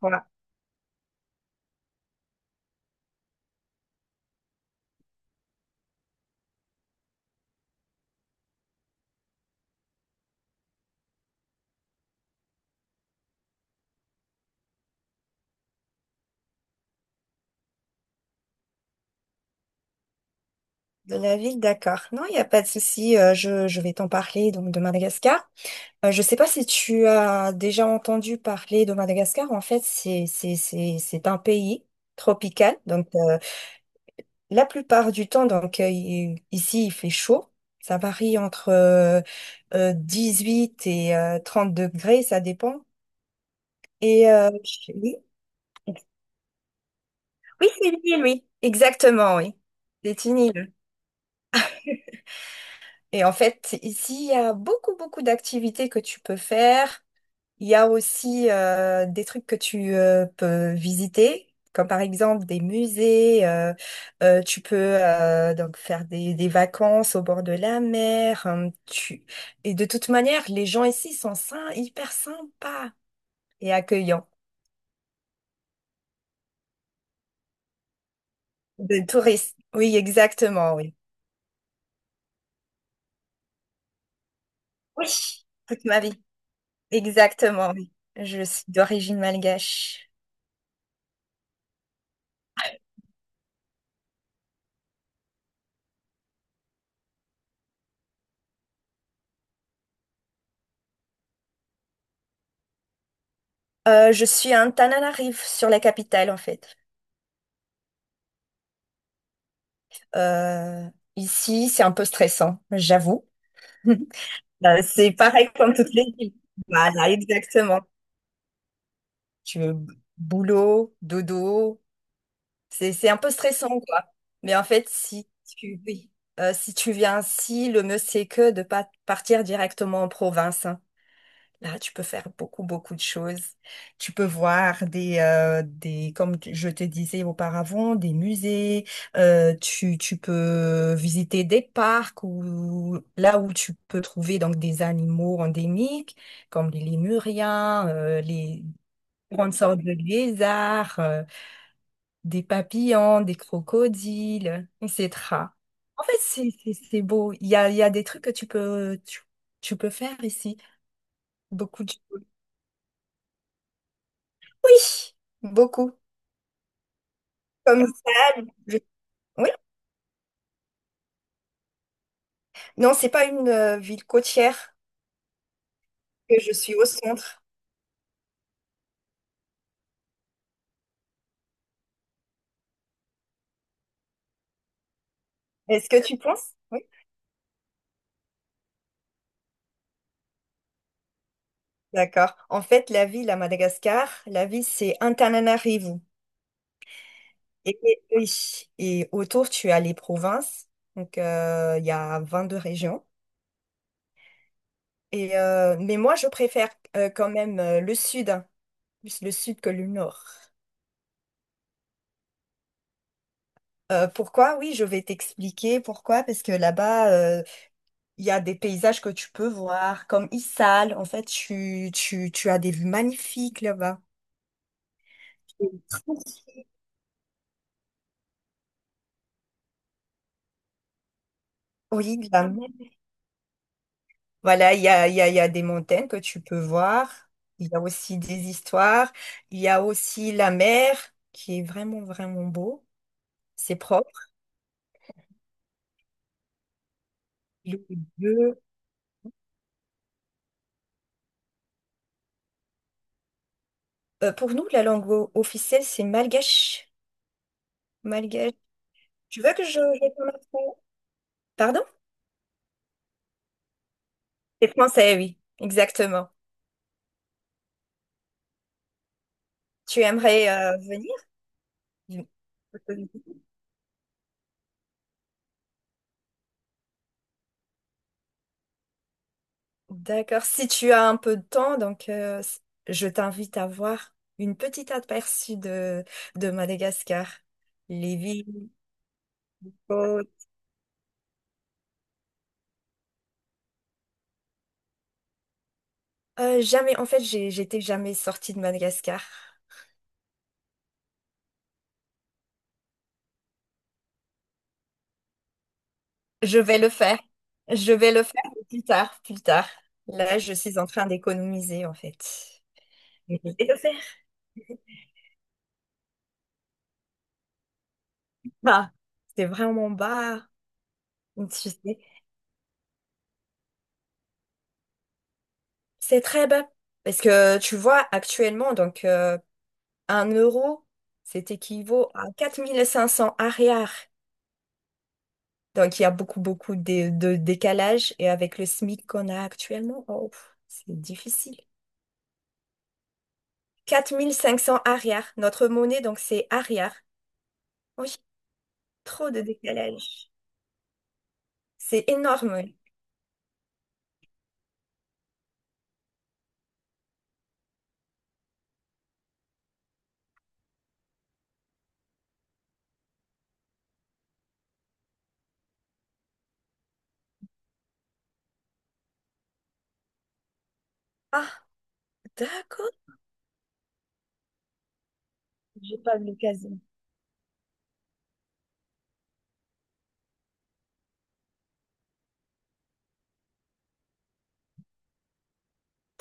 Voilà. De la ville, d'accord. Non, il n'y a pas de souci. Je vais t'en parler donc de Madagascar. Je ne sais pas si tu as déjà entendu parler de Madagascar. En fait, c'est un pays tropical. La plupart du temps, ici il fait chaud. Ça varie entre 18 et 30 degrés, ça dépend. Et euh, oui, oui, c'est une île, oui. Exactement, oui. C'est une île. Et en fait, ici, il y a beaucoup, beaucoup d'activités que tu peux faire. Il y a aussi des trucs que tu peux visiter, comme par exemple des musées. Tu peux donc faire des vacances au bord de la mer, hein, tu... Et de toute manière, les gens ici sont hyper sympas et accueillants. De touristes. Oui, exactement, oui. Oui, toute ma vie. Exactement, oui. Je suis d'origine malgache. Je suis à Antananarive, sur la capitale, en fait. Euh, ici, c'est un peu stressant, j'avoue. C'est pareil comme toutes les villes. Voilà, exactement. Tu veux boulot, dodo, c'est un peu stressant, quoi. Mais en fait, si tu, oui, si tu viens ici, le mieux c'est que de pas partir directement en province, hein. Là, tu peux faire beaucoup, beaucoup de choses. Tu peux voir comme je te disais auparavant, des musées. Tu peux visiter des parcs ou là où tu peux trouver donc des animaux endémiques, comme les lémuriens, les grandes sortes de lézards, des papillons, des crocodiles, etc. En fait, c'est beau. Il y a des trucs que tu peux faire ici. Beaucoup de choses. Oui, beaucoup. Comme ça, oui. Non, c'est pas une ville côtière que je suis au centre. Est-ce que tu penses? Oui. D'accord. En fait, la ville à Madagascar, la ville, c'est Antananarivo. Oui. Et autour, tu as les provinces. Donc, il y a 22 régions. Et, mais moi, je préfère quand même le sud, hein. Plus le sud que le nord. Pourquoi? Oui, je vais t'expliquer pourquoi. Parce que là-bas, il y a des paysages que tu peux voir, comme Issal. En fait, tu as des vues magnifiques là-bas. Oui, de la mer. Voilà, il y a des montagnes que tu peux voir. Il y a aussi des histoires. Il y a aussi la mer qui est vraiment, vraiment beau. C'est propre. Il est bleu. Pour nous, la langue officielle, c'est malgache. Malgache. Tu veux que je te ça Pardon? C'est français, oui. Exactement. Tu aimerais venir? D'accord. Si tu as un peu de temps, je t'invite à voir une petite aperçue de Madagascar. Les villes, côtes. Jamais, en fait, j'étais jamais sortie de Madagascar. Je vais le faire. Je vais le faire plus tard, plus tard. Là, je suis en train d'économiser, en fait. Mais je vais le faire. Bah, c'est vraiment bas, tu sais. C'est très bas. Parce que tu vois, actuellement, donc, un euro, c'est équivaut à 4500 arrière. Donc, il y a beaucoup, beaucoup de décalage. Et avec le SMIC qu'on a actuellement, oh, pff, c'est difficile. 4500 arrière. Notre monnaie, donc, c'est arrière. Oui, trop de décalage. C'est énorme. Ah, d'accord. J'ai pas vu l'occasion.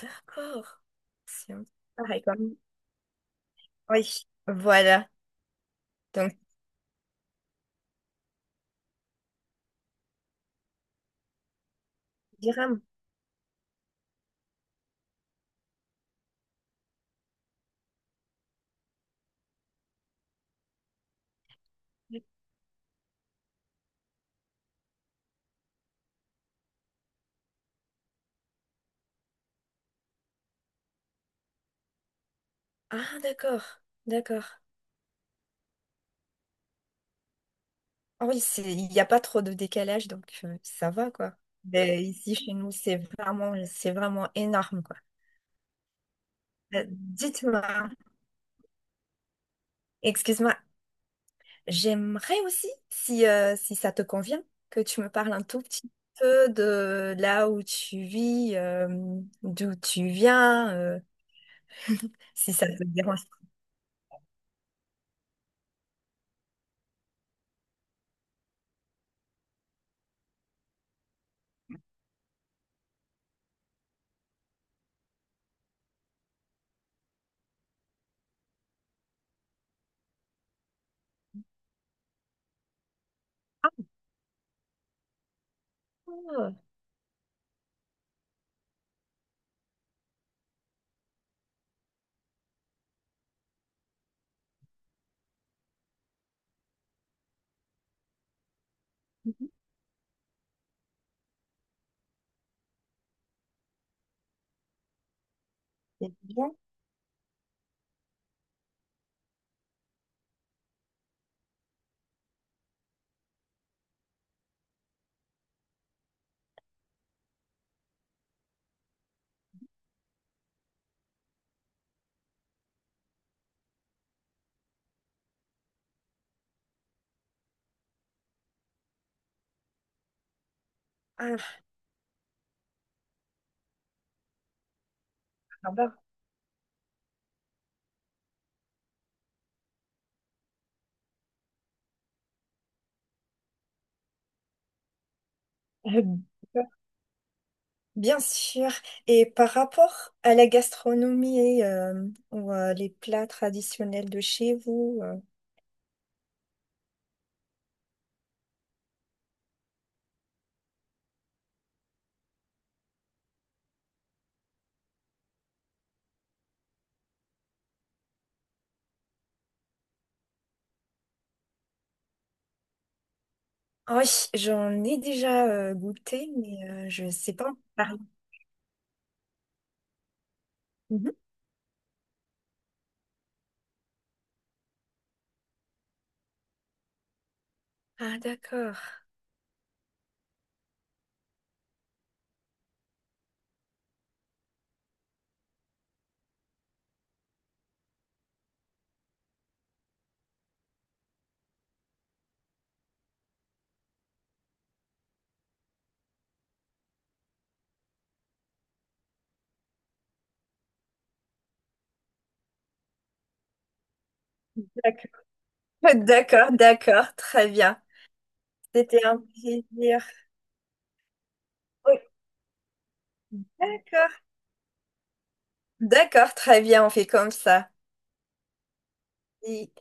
D'accord. C'est un- peu pareil, quoi. Oui, voilà. Donc, dirham. Ah, d'accord. D'accord. Oui, il n'y a pas trop de décalage, donc ça va, quoi. Mais ici, chez nous, c'est vraiment énorme, quoi. Dites-moi, excuse-moi, j'aimerais aussi, si ça te convient, que tu me parles un tout petit peu de là où tu vis, d'où tu viens, si ça te dérange pas. C'est bien. Ah, ah bah. Bien sûr. Et par rapport à la gastronomie ou les plats traditionnels de chez vous, ah oui, j'en ai déjà goûté, mais je ne sais pas en parler. Mhm. Ah, d'accord. D'accord. D'accord, d'accord, très bien. C'était un plaisir. Oui, d'accord. D'accord, très bien, on fait comme ça. Et-